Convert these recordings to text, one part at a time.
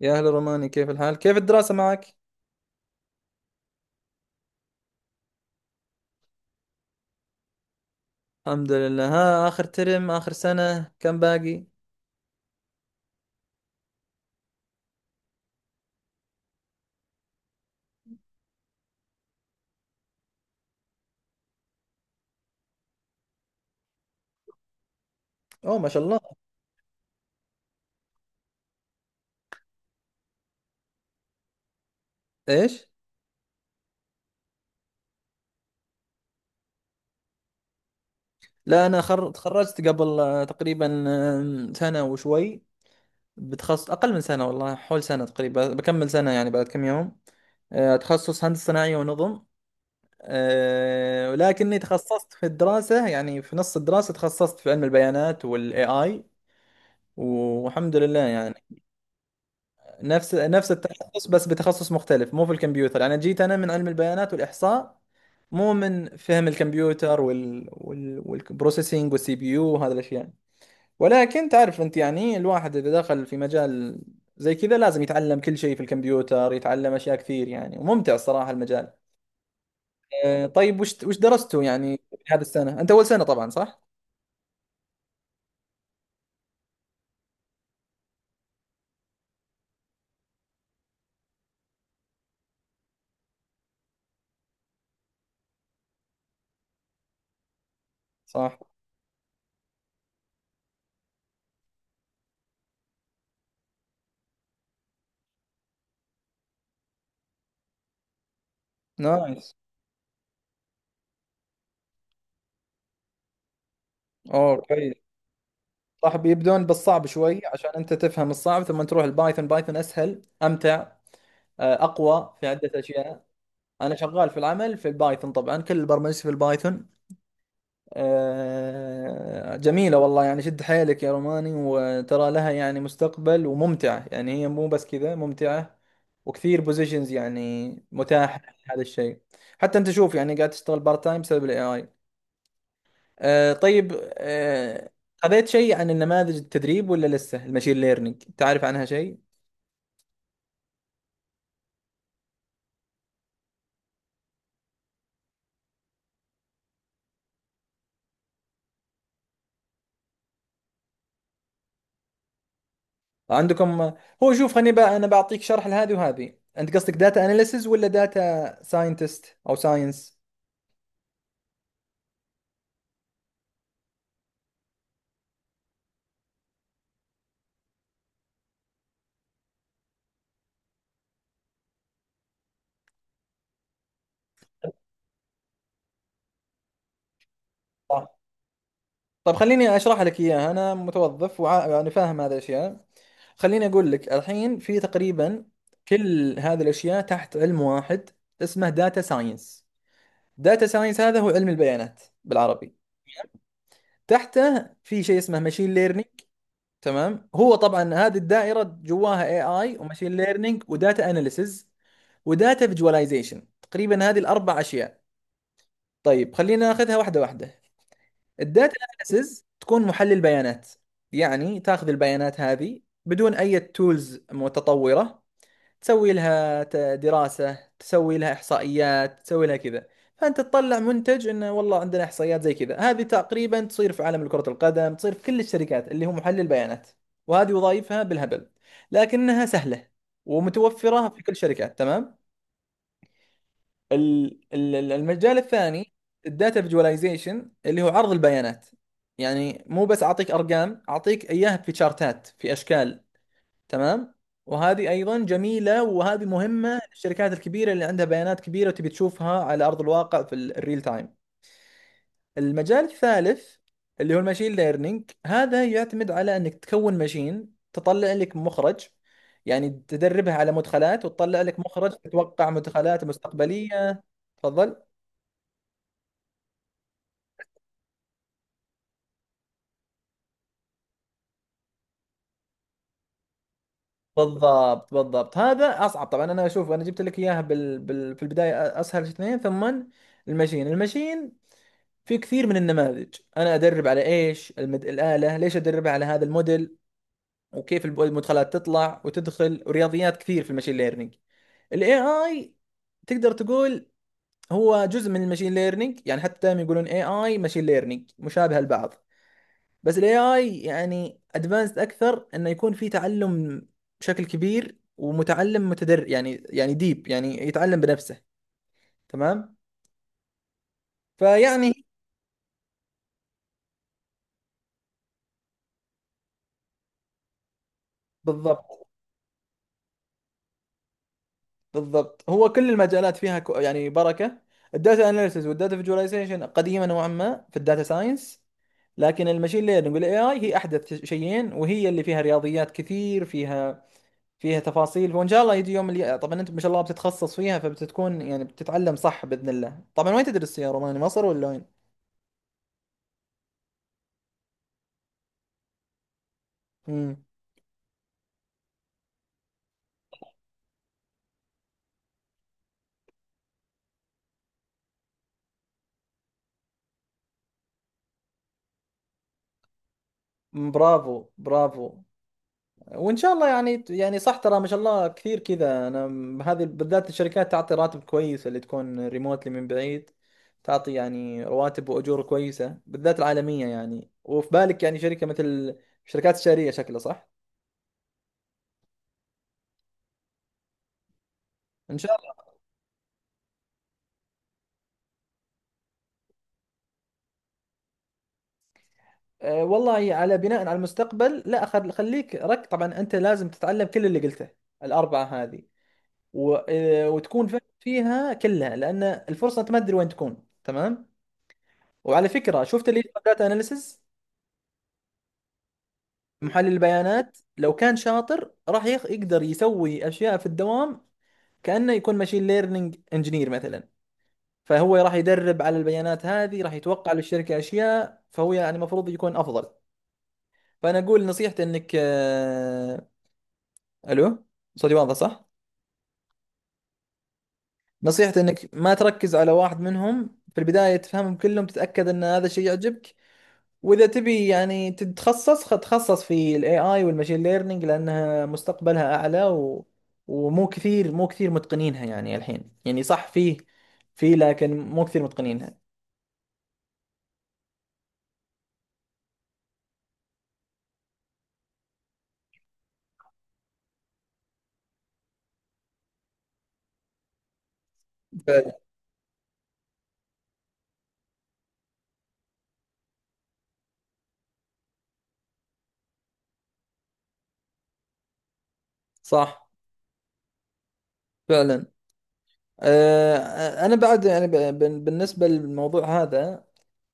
يا أهلا روماني، كيف الحال؟ كيف الدراسة معك؟ الحمد لله. ها، آخر ترم آخر سنة، كم باقي؟ أوه ما شاء الله. إيش؟ لا، أنا تخرجت قبل، تقريبا، سنة وشوي بتخصص. أقل من سنة والله، حول سنة تقريبا، بكمل سنة يعني بعد كم يوم. تخصص هندسة صناعية ونظم. ولكني تخصصت في الدراسة، يعني في نص الدراسة تخصصت في علم البيانات وال AI. والحمد لله يعني. نفس نفس التخصص، بس بتخصص مختلف، مو في الكمبيوتر. انا جيت، انا من علم البيانات والاحصاء، مو من فهم الكمبيوتر وال والبروسيسنج والسي بي يو وهذه الاشياء. ولكن تعرف انت، يعني الواحد اذا دخل في مجال زي كذا لازم يتعلم كل شيء في الكمبيوتر، يتعلم اشياء كثير يعني، وممتع الصراحة المجال. أه، طيب وش درستوا يعني هذه السنة؟ انت اول سنة طبعا، صح؟ صح. نايس. اوه كويس. صح، بيبدون بالصعب شوي عشان انت تفهم الصعب ثم تروح البايثون. بايثون اسهل، امتع، اقوى في عده اشياء. انا شغال في العمل في البايثون، طبعا كل البرمجه في البايثون. جميله والله يعني. شد حيلك يا روماني، وترى لها يعني مستقبل وممتعه، يعني هي مو بس كذا ممتعه، وكثير بوزيشنز يعني متاحه، هذا الشيء. حتى انت شوف يعني قاعد تشتغل بارت تايم بسبب الاي اي. آه طيب. آه، خذيت شيء عن النماذج التدريب، ولا لسه المشين ليرنينج تعرف عنها شيء؟ عندكم. هو شوف، خليني بقى انا بعطيك شرح لهذه وهذه. انت قصدك داتا اناليسز ولا داتا ساينتست او ساينس؟ صح. طيب خليني اشرح لك اياها، انا متوظف يعني فاهم هذه الاشياء. خليني اقول لك الحين، في تقريبا كل هذه الاشياء تحت علم واحد اسمه داتا ساينس. داتا ساينس هذا هو علم البيانات بالعربي. تحته في شيء اسمه ماشين ليرنينج. تمام. هو طبعا هذه الدائره جواها اي اي وماشين ليرنينج وداتا اناليسز وداتا فيجواليزيشن، تقريبا هذه الاربع اشياء. طيب خلينا ناخذها واحده واحده. الداتا اناليسز تكون محلل بيانات، يعني تاخذ البيانات هذه بدون اي تولز متطوره. تسوي لها دراسة، تسوي لها إحصائيات، تسوي لها كذا. فأنت تطلع منتج إنه والله عندنا إحصائيات زي كذا. هذه تقريبا تصير في عالم كرة القدم، تصير في كل الشركات، اللي هو محلل بيانات. وهذه وظائفها بالهبل، لكنها سهلة ومتوفرة في كل شركات. تمام. المجال الثاني، الداتا فيجواليزيشن، اللي هو عرض البيانات. يعني مو بس أعطيك أرقام، أعطيك إياها في شارتات، في أشكال. تمام. وهذه ايضا جميله، وهذه مهمه للشركات الكبيره اللي عندها بيانات كبيره وتبي تشوفها على ارض الواقع في الريل تايم. المجال الثالث، اللي هو الماشين ليرنينج، هذا يعتمد على انك تكون ماشين تطلع لك مخرج. يعني تدربها على مدخلات وتطلع لك مخرج، تتوقع مدخلات مستقبليه. تفضل. بالضبط بالضبط، هذا اصعب طبعا. انا اشوف انا جبت لك اياها في البدايه اسهل اثنين، ثم الماشين. في كثير من النماذج انا ادرب على ايش الاله، ليش ادربها على هذا الموديل، وكيف المدخلات تطلع وتدخل، ورياضيات كثير في المشين ليرنينج. الاي اي تقدر تقول هو جزء من المشين ليرنينج. يعني حتى دائما يقولون اي اي ماشين ليرنينج مشابهه لبعض، بس الاي اي يعني ادفانسد اكثر، انه يكون في تعلم بشكل كبير ومتعلم متدرب، يعني ديب، يعني يتعلم بنفسه. تمام. فيعني بالضبط بالضبط، هو كل المجالات فيها يعني بركة. الداتا اناليسز والداتا فيجواليزيشن قديمة نوعا ما في الداتا ساينس، لكن المشين ليرنينج والاي اي هي احدث شيئين، وهي اللي فيها رياضيات كثير، فيها تفاصيل. وان شاء الله يجي يوم اللي طبعا انت ما شاء الله بتتخصص فيها، فبتكون يعني بتتعلم، صح باذن الله طبعا. وين تدرس يا روماني، مصر ولا وين؟ امم. برافو برافو. وان شاء الله يعني، يعني صح ترى، ما شاء الله كثير كذا. انا هذه بالذات الشركات تعطي راتب كويس اللي تكون ريموتلي من بعيد، تعطي يعني رواتب واجور كويسه، بالذات العالميه يعني. وفي بالك يعني شركه مثل الشركات الشهريه، شكلها صح. ان شاء الله. أه والله، على بناء على المستقبل، لا خليك رك. طبعا انت لازم تتعلم كل اللي قلته، الاربعه هذه. وتكون فاهم فيها كلها لان الفرصه انت ما تدري وين تكون. تمام. وعلى فكره، شفت اللي داتا اناليسز، محلل البيانات، لو كان شاطر راح يقدر يسوي اشياء في الدوام، كانه يكون ماشين ليرنينج انجينير مثلا. فهو راح يدرب على البيانات هذه، راح يتوقع للشركه اشياء. فهو يعني المفروض يكون افضل. فانا اقول نصيحتي انك الو، صوتي واضح صح؟ نصيحتي انك ما تركز على واحد منهم في البدايه، تفهمهم كلهم، تتاكد ان هذا الشيء يعجبك. واذا تبي يعني تتخصص، تخصص في الاي اي والماشين ليرنينج، لانها مستقبلها اعلى، ومو كثير، مو كثير متقنينها يعني الحين، يعني صح. فيه لكن مو كثير متقنينها. فعلا صح فعلا. انا بعد يعني بالنسبه للموضوع هذا،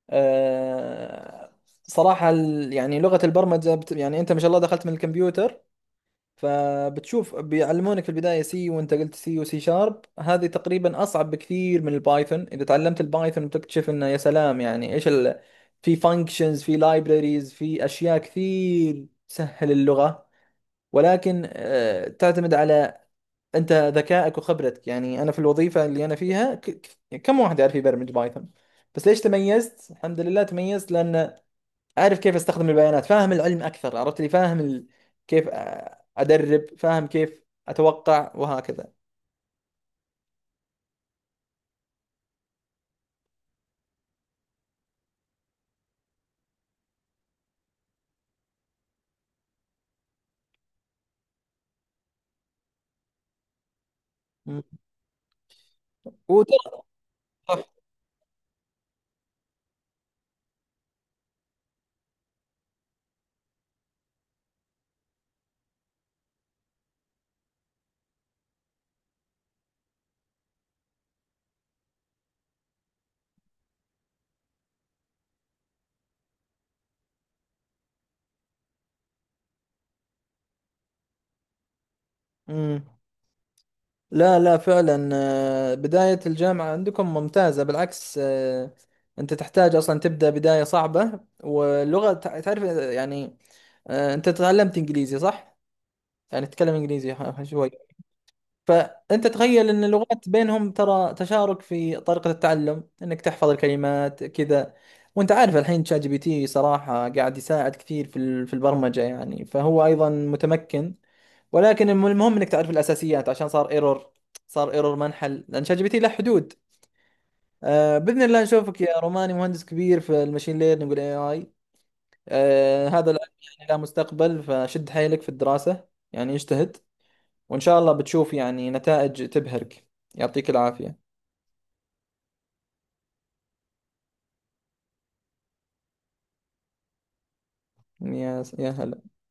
آه، صراحه يعني لغه البرمجه يعني انت ما شاء الله دخلت من الكمبيوتر، فبتشوف بيعلمونك في البداية سي، وانت قلت سي وسي شارب، هذه تقريبا اصعب بكثير من البايثون. اذا تعلمت البايثون بتكتشف انه يا سلام. يعني ايش في فانكشنز، في لايبراريز، في اشياء كثير تسهل اللغة. ولكن تعتمد على انت ذكائك وخبرتك. يعني انا في الوظيفة اللي انا فيها كم واحد يعرف يبرمج بايثون؟ بس ليش تميزت؟ الحمد لله تميزت لان اعرف كيف استخدم البيانات، فاهم العلم اكثر، عرفت لي فاهم كيف ادرب، فاهم كيف اتوقع، وهكذا. مم. وترى، صح. مم. لا لا فعلا، بداية الجامعة عندكم ممتازة بالعكس. انت تحتاج اصلا تبدأ بداية صعبة، واللغة تعرف، يعني انت تعلمت انجليزي صح؟ يعني تتكلم انجليزي شوي. فأنت تخيل أن اللغات بينهم ترى تشارك في طريقة التعلم، أنك تحفظ الكلمات كذا. وأنت عارف الحين تشات جي بي تي صراحة قاعد يساعد كثير في في البرمجة، يعني فهو أيضا متمكن. ولكن المهم أنك تعرف الأساسيات، عشان صار ايرور، صار ايرور ما انحل، لأن شات جي بي تي له حدود. آه، بإذن الله نشوفك يا روماني مهندس كبير في المشين ليرنينج والاي اي. آه، هذا العلم يعني لا مستقبل. فشد حيلك في الدراسة، يعني اجتهد، وإن شاء الله بتشوف يعني نتائج تبهرك. يعطيك العافية. يا هلا.